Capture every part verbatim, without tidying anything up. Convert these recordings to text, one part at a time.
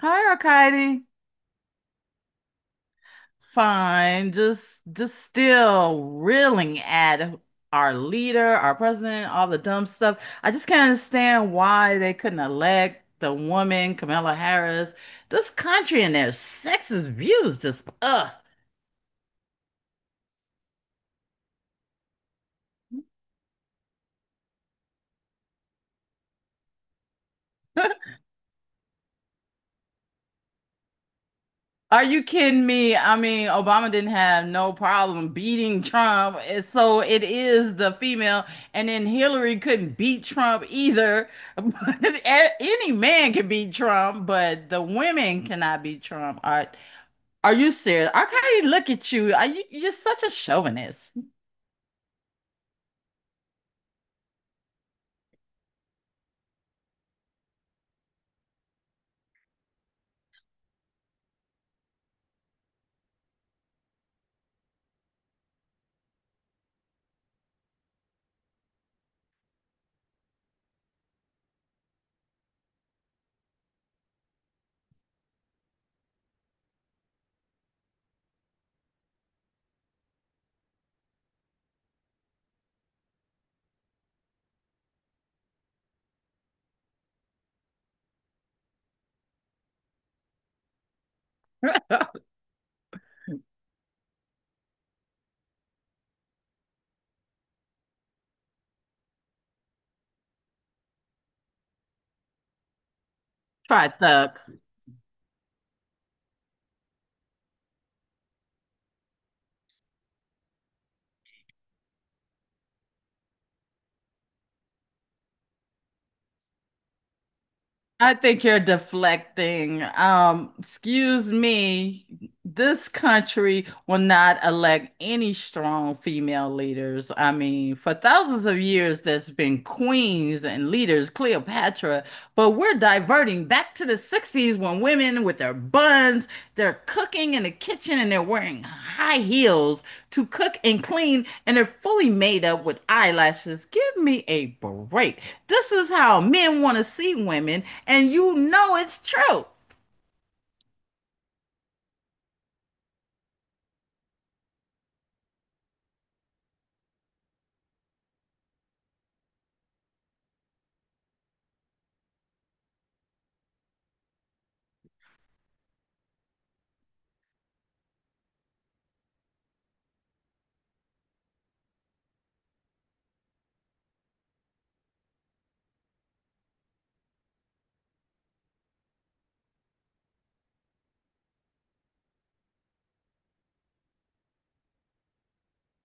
Hi, Arkady. Fine. Just just still reeling at our leader, our president, all the dumb stuff. I just can't understand why they couldn't elect the woman, Kamala Harris. This country and their sexist views just ugh. Are you kidding me? I mean, Obama didn't have no problem beating Trump. And So it is the female. And then Hillary couldn't beat Trump either. But a- any man can beat Trump, but the women cannot beat Trump. Are, are you serious? I can Arkady, look at you. Are you, you're such a chauvinist. Try thug. I think you're deflecting. Um, excuse me. This country will not elect any strong female leaders. I mean, for thousands of years, there's been queens and leaders, Cleopatra, but we're diverting back to the sixties when women with their buns, they're cooking in the kitchen and they're wearing high heels to cook and clean and they're fully made up with eyelashes. Give me a break. This is how men want to see women, and you know it's true.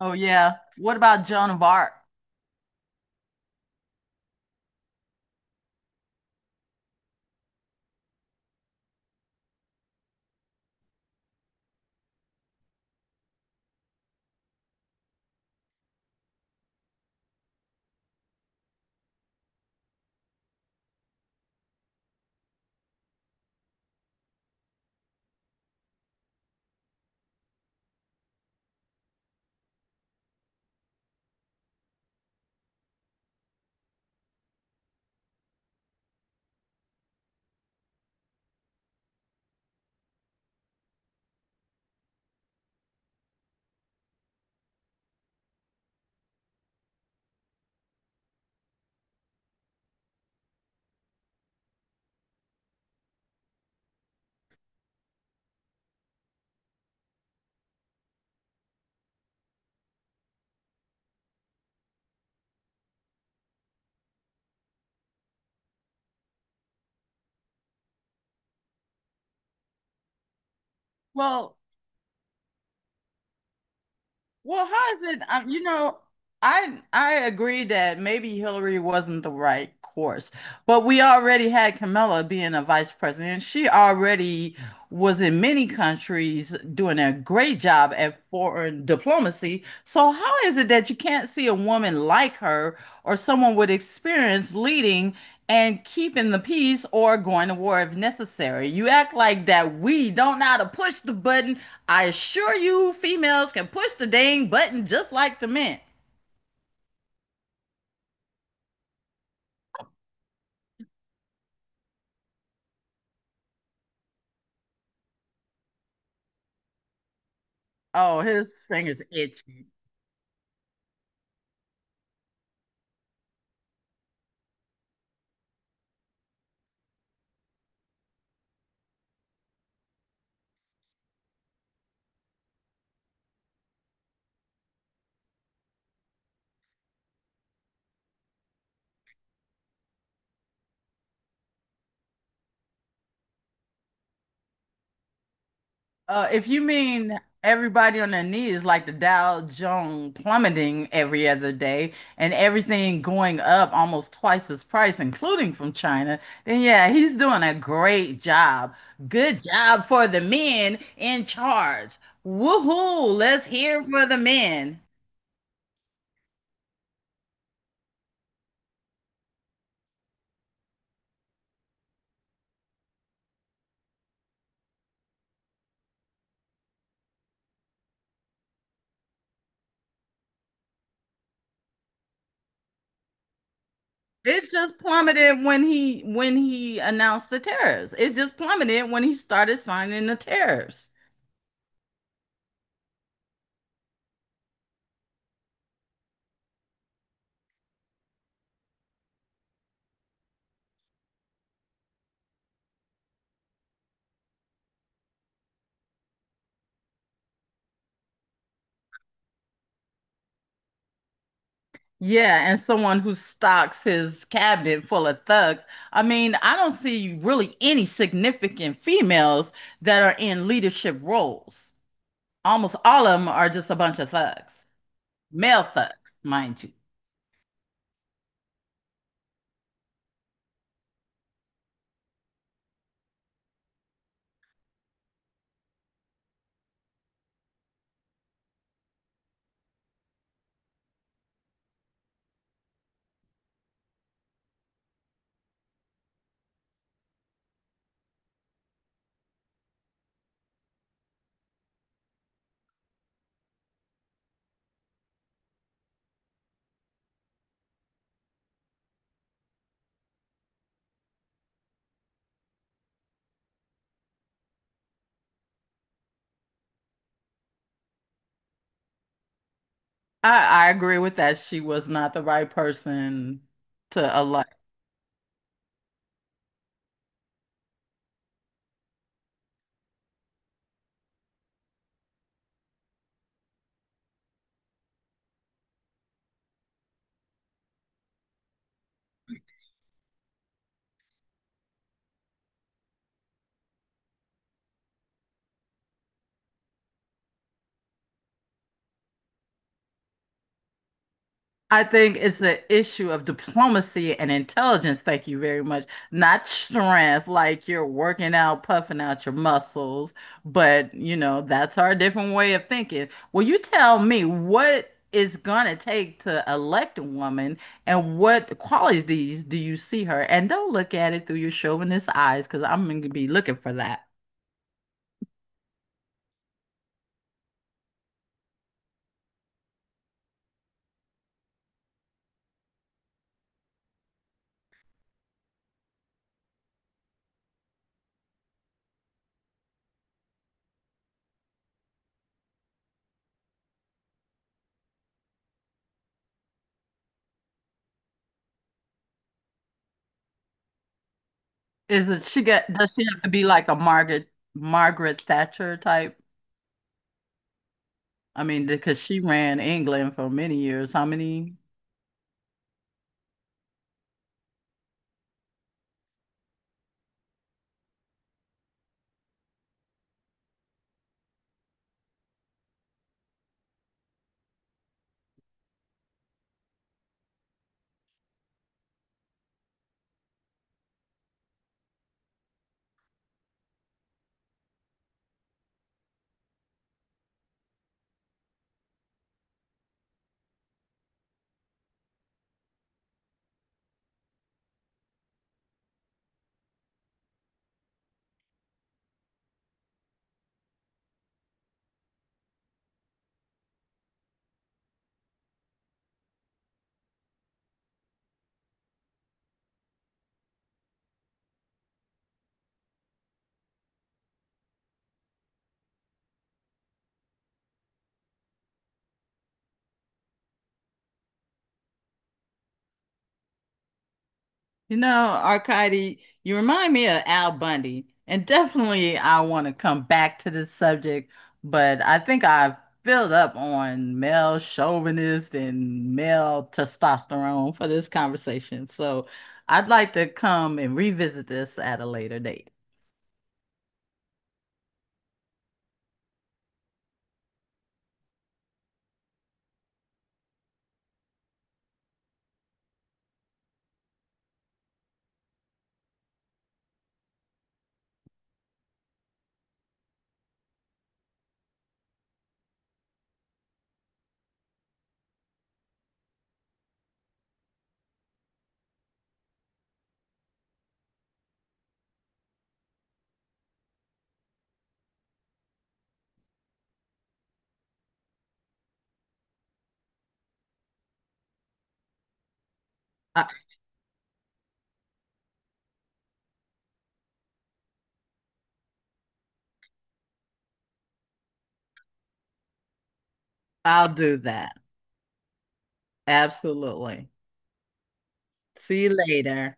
Oh, yeah. What about Joan of Arc? Well, well, how is it? Um, you know, I I agree that maybe Hillary wasn't the right course. But we already had Kamala being a vice president. She already was in many countries doing a great job at foreign diplomacy. So how is it that you can't see a woman like her or someone with experience leading and keeping the peace or going to war if necessary? You act like that we don't know how to push the button. I assure you, females can push the dang button just like the men. Oh, his fingers itch. Uh, if you mean everybody on their knees, like the Dow Jones plummeting every other day and everything going up almost twice its price, including from China, then yeah, he's doing a great job. Good job for the men in charge. Woohoo! Let's hear for the men. It just plummeted when he when he announced the tariffs. It just plummeted when he started signing the tariffs. Yeah, and someone who stocks his cabinet full of thugs. I mean, I don't see really any significant females that are in leadership roles. Almost all of them are just a bunch of thugs, male thugs, mind you. I, I agree with that. She was not the right person to elect. I think it's an issue of diplomacy and intelligence. Thank you very much. Not strength, like you're working out, puffing out your muscles, but you know, that's our different way of thinking. Well, you tell me what it's gonna take to elect a woman and what qualities do you do you see her? And don't look at it through your chauvinist eyes, because I'm gonna be looking for that. Is it she got, does she have to be like a Margaret Margaret Thatcher type? I mean, because she ran England for many years. How many? You know, Arcady, you remind me of Al Bundy. And definitely, I want to come back to this subject, but I think I've filled up on male chauvinist and male testosterone for this conversation. So I'd like to come and revisit this at a later date. I I'll do that. Absolutely. See you later.